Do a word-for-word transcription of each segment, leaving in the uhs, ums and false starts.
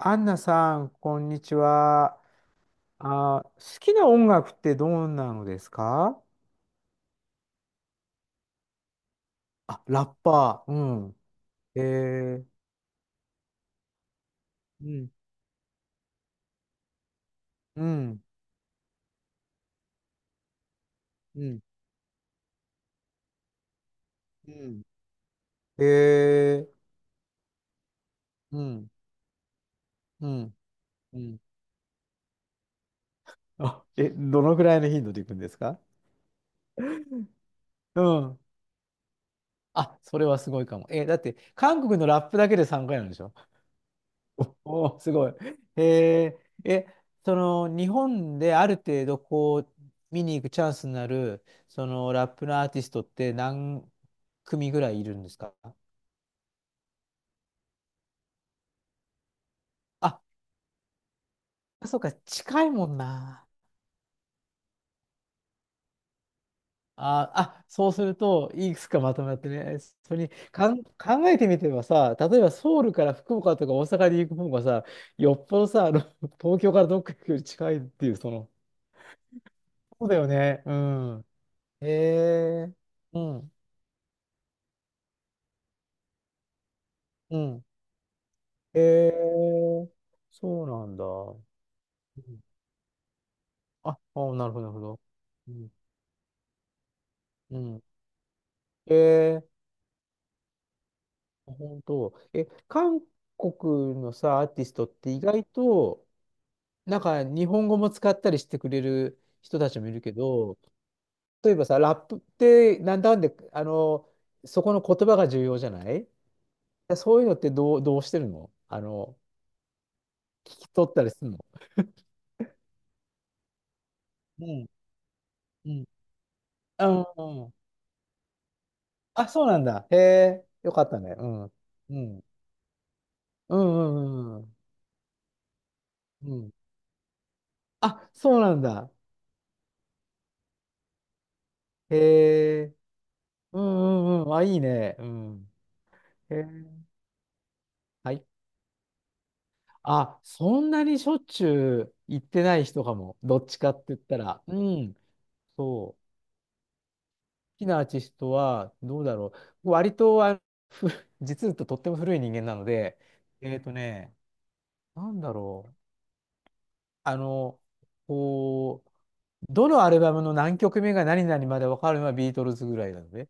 アンナさん、こんにちは。あ、好きな音楽ってどうなのですか？あ、ラッパー、うん。えー、うん、うん、うん、うん。えー、うん、うん、うん。あ、え、どのぐらいの頻度でいくんですか？うん。あ、それはすごいかも。え、だって、韓国のラップだけでさんかいなんでしょ？ おお、すごい。へえ、え、その日本である程度こう見に行くチャンスになるそのラップのアーティストって何組ぐらいいるんですか？あ、そうか、近いもんな。あ、あ、そうするといくつかまとまってね、それにかん考えてみてばさ、例えばソウルから福岡とか大阪に行く方がさ、よっぽどさ、あの東京からどっか行くより近いっていう、その、そうだよね。うん。へえー、うん。うん。へえ、そうなんだ。うん、あ、あ、なるほど、なるほど。うん。うん、へえ、本当。え、韓国のさ、アーティストって意外と、なんか日本語も使ったりしてくれる人たちもいるけど、例えばさ、ラップってなんだかんで、あの、そこの言葉が重要じゃない？だそういうのってどう、どうしてるの？あの、聞き取ったりするの？うん、うん。あ、うんうん、あ、そうなんだ。へえ、よかったね。うん。うんうんうんうん、うん。うん。あ、そうなんだ。へえ。うんうんうん。あ、いいね。うん。へえ。はい。あ、そんなにしょっちゅう行ってない人かも。どっちかって言ったら。うん。そう。好きなアーティストは、どうだろう。割と、あ、ふ、実はとっても古い人間なので、えっとね、なんだろう。あの、こう、どのアルバムの何曲目が何々まで分かるのはビートルズぐらいなので。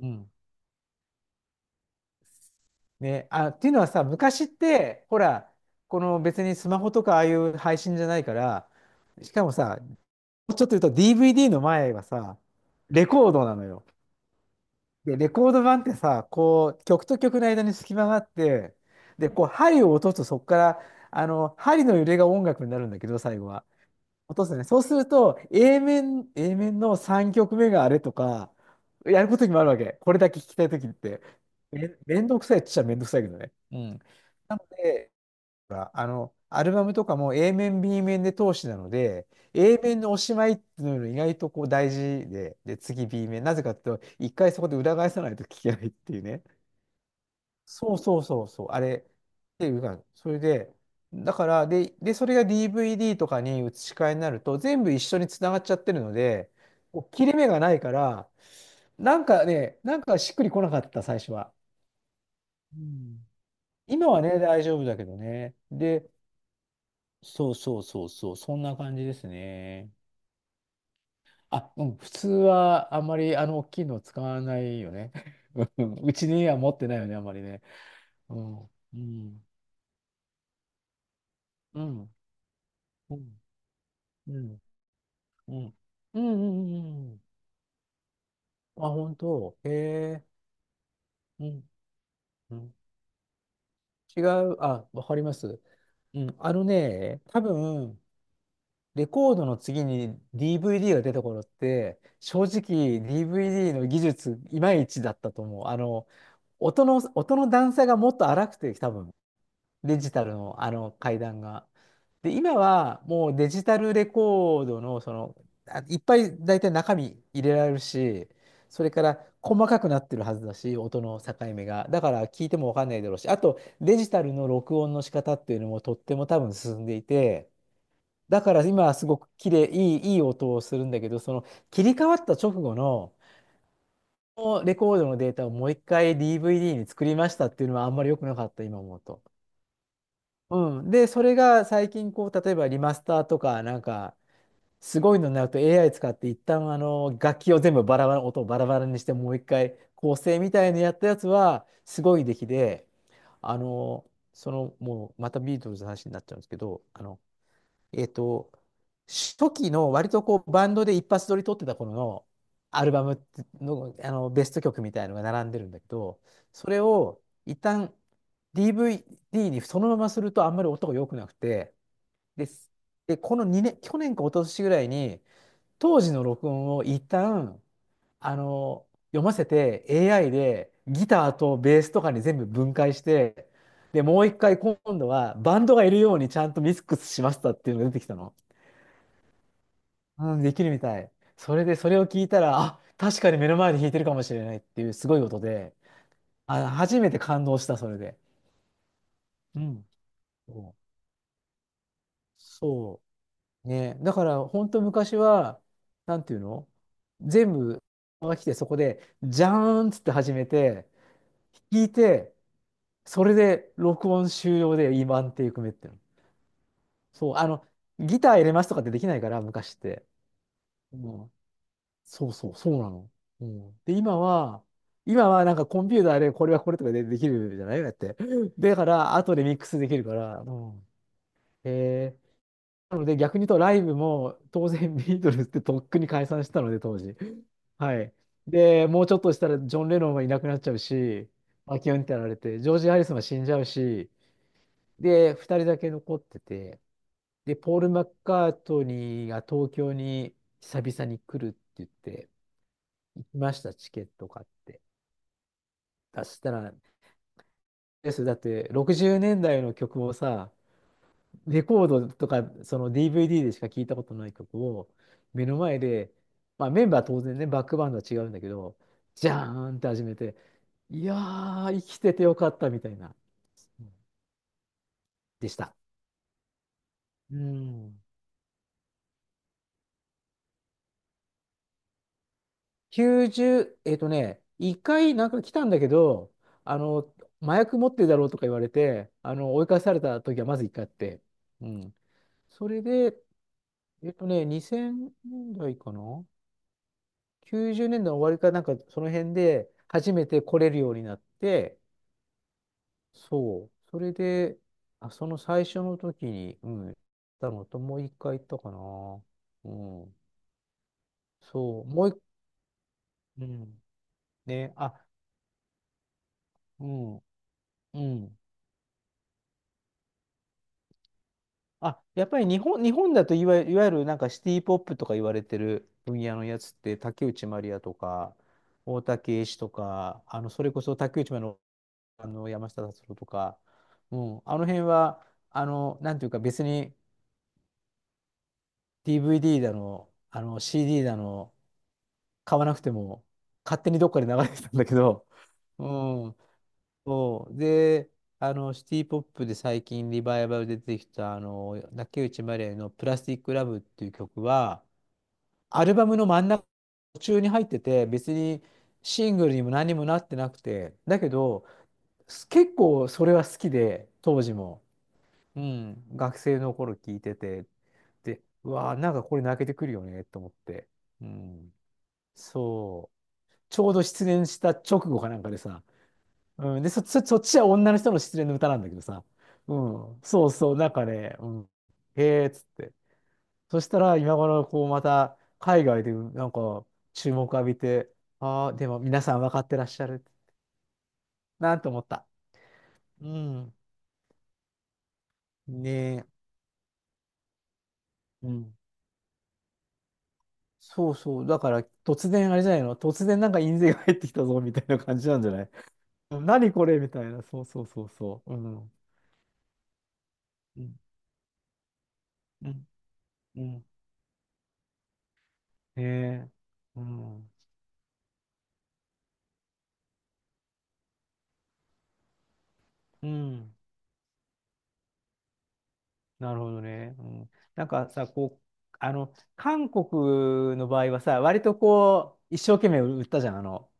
うん、ね、あ、っていうのはさ、昔って、ほら、この別にスマホとかああいう配信じゃないから、しかもさ、ちょっと言うと ディーブイディー の前はさ、レコードなのよ。で、レコード盤ってさ、こう、曲と曲の間に隙間があって、で、こう、針を落とすとそこから、あの、針の揺れが音楽になるんだけど、最後は。落とすね。そうすると、A 面、A 面のさんきょくめがあれとか、やることにもあるわけ。これだけ聞きたいときって。め、めんどくさいっちゃめんどくさいけどね。うん。なので、ほらあの、アルバムとかも A 面、B 面で通しなので、A 面のおしまいっていうのが意外とこう大事で、で、次 B 面。なぜかっていうと、一回そこで裏返さないと聞けないっていうね。そうそうそうそう、あれっていうか、それで、だから、で、で、それが ディーブイディー とかに移し替えになると、全部一緒につながっちゃってるので、こう切れ目がないから、なんかね、なんかしっくりこなかった、最初は。うん、今はね、大丈夫だけどね。で、そうそうそうそう、そんな感じですね。あ、うん、普通はあんまりあの大きいの使わないよね。うん、うちには持ってないよね、あんまりね。うん、うん、うん、うん。うんうん。うんうんうんうん。あ、本当。へえ。うん。うん。違う。あ、わかります。うん。あのね、多分、レコードの次に ディーブイディー が出た頃って、正直 ディーブイディー の技術、いまいちだったと思う。あの、音の、音の段差がもっと荒くて、多分。デジタルのあの階段が。で、今はもうデジタルレコードの、その、あ、いっぱい大体中身入れられるし、それから細かくなってるはずだし、音の境目が。だから聞いてもわかんないだろうし、あとデジタルの録音の仕方っていうのもとっても多分進んでいて、だから今はすごく綺麗、いい、いい音をするんだけど、その切り替わった直後の、このレコードのデータをもう一回 ディーブイディー に作りましたっていうのはあんまり良くなかった、今思うと。うん。で、それが最近、こう、例えばリマスターとか、なんか、すごいのになると エーアイ 使って、一旦、あの、楽器を全部バラバラ、音をバラバラにして、もう一回構成みたいなやったやつは、すごい出来で、あの、その、もう、またビートルズの話になっちゃうんですけど、あの、えっと、初期の割とこうバンドで一発撮り撮ってた頃のアルバムの、あのベスト曲みたいのが並んでるんだけど、それを一旦 ディーブイディー にそのままするとあんまり音が良くなくて、で、でこのにねん、去年か一昨年ぐらいに当時の録音を一旦あの読ませて エーアイ でギターとベースとかに全部分解して、で、もう一回今度はバンドがいるようにちゃんとミックスしましたっていうのが出てきたの。うん、できるみたい。それで、それを聞いたら、あ、確かに目の前で弾いてるかもしれないっていうすごいことで、あ、初めて感動した、それで。うん。そう。そうね。だから、本当昔は、なんていうの、全部が来て、そこで、じゃーんっつって始めて、弾いて、それで録音終了で、今っていう組めっていうの。そう、あの、ギター入れますとかってできないから、昔って。うん、そうそう、そうなの。うん。で、今は、今はなんかコンピューターでこれはこれとかでできるじゃないだって。だから、後でミックスできるから。うん。へえ、なので、逆に言うとライブも当然ビートルズってとっくに解散したので、当時。はい。で、もうちょっとしたらジョン・レノンはいなくなっちゃうし、マキオンってやられて、ジョージ・ハリスンは死んじゃうし、で、ふたりだけ残ってて、で、ポール・マッカートニーが東京に久々に来るって言って、行きました、チケット買って。そしたら、です、だってろくじゅうねんだいの曲をさ、レコードとか、その ディーブイディー でしか聞いたことない曲を、目の前で、まあメンバーは当然ね、バックバンドは違うんだけど、じゃーんって始めて、いやー、生きててよかったみたいな、うん、でした。うん。きゅうじゅう、えっとね、一回なんか来たんだけど、あの、麻薬持ってるだろうとか言われて、あの、追い返された時はまず一回あって、うん。それで、えっとね、にせんねんだいかな？ きゅうじゅう 年代の終わりかなんかその辺で初めて来れるようになって、そう。それで、あ、その最初の時に、うん、行ったのと、もう一回行ったかな。うん。そう。もう一、うん。ね、あ、うん、うん。あ、やっぱり日本、日本だといわゆる、いわゆるなんかシティポップとか言われてる分野のやつって、竹内まりやとか、大竹栄一とか、あの、それこそ竹内まりやのあの山下達郎とか、うん、あの辺は、あの、なんていうか別に ディーブイディー だの、あの シーディー だの、買わなくても勝手にどっかで流れてたんだけど、うん、そう。で、あの、シティポップで最近リバイバルで出てきた、あの、竹内まりやのプラスティックラブっていう曲は、アルバムの真ん中、途中に入ってて、別にシングルにも何にもなってなくて、だけど、結構それは好きで、当時も。うん、学生の頃聞いてて、で、うわあ、なんかこれ泣けてくるよね、と思って。うん、そう。ちょうど失恋した直後かなんかでさ、うん、で、そ、そ、そっちは女の人の失恋の歌なんだけどさ、うん、そうそう、なんかね、うん、へえ、っつって。そしたら、今頃、こう、また、海外で、なんか、注目浴びて、ああ、でも皆さん分かってらっしゃる、なんて思った。うん、ねえ、うん。そうそう。だから、突然、あれじゃないの、突然なんか印税が入ってきたぞ、みたいな感じなんじゃない？ 何これみたいな。そうそうそうそう。うん。うん。うん。うんねえ。うん。うん。なるほどね。うん。なんかさ、こう、あの、韓国の場合はさ、割とこう、一生懸命売ったじゃん。あの、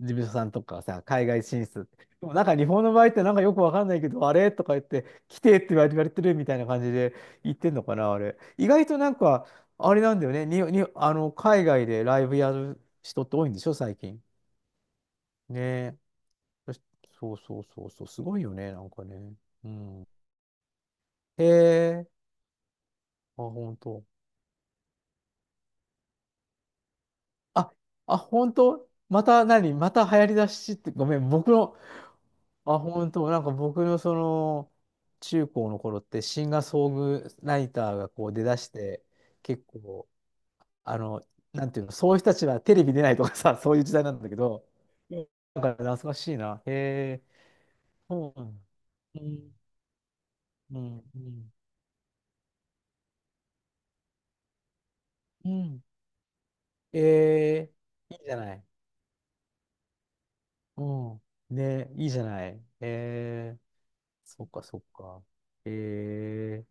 事務所さんとかさ、海外進出。でもなんか日本の場合ってなんかよくわかんないけど、あれとか言って、来てって言われてるみたいな感じで言ってんのかな、あれ。意外となんか、あれなんだよね。に、に、あの、海外でライブやる人って多いんでしょ、最近。ねえ。そし、そうそうそうそう。すごいよね、なんかね。うん。へえ。あ、本当。あ、あ、本当また何また流行りだしって、ごめん、僕の、あ、本当、なんか僕のその中高の頃ってシンガーソングライターがこう出だして結構あの、なんていうの、そういう人たちはテレビ出ないとかさ。 そういう時代なんだけど、うん、なんか懐かしいな。へえ、そうなんだ、うんうんうん、うん、ええ、いいじゃない、うん、ね、いいじゃない、ええ、そっかそっか、ええ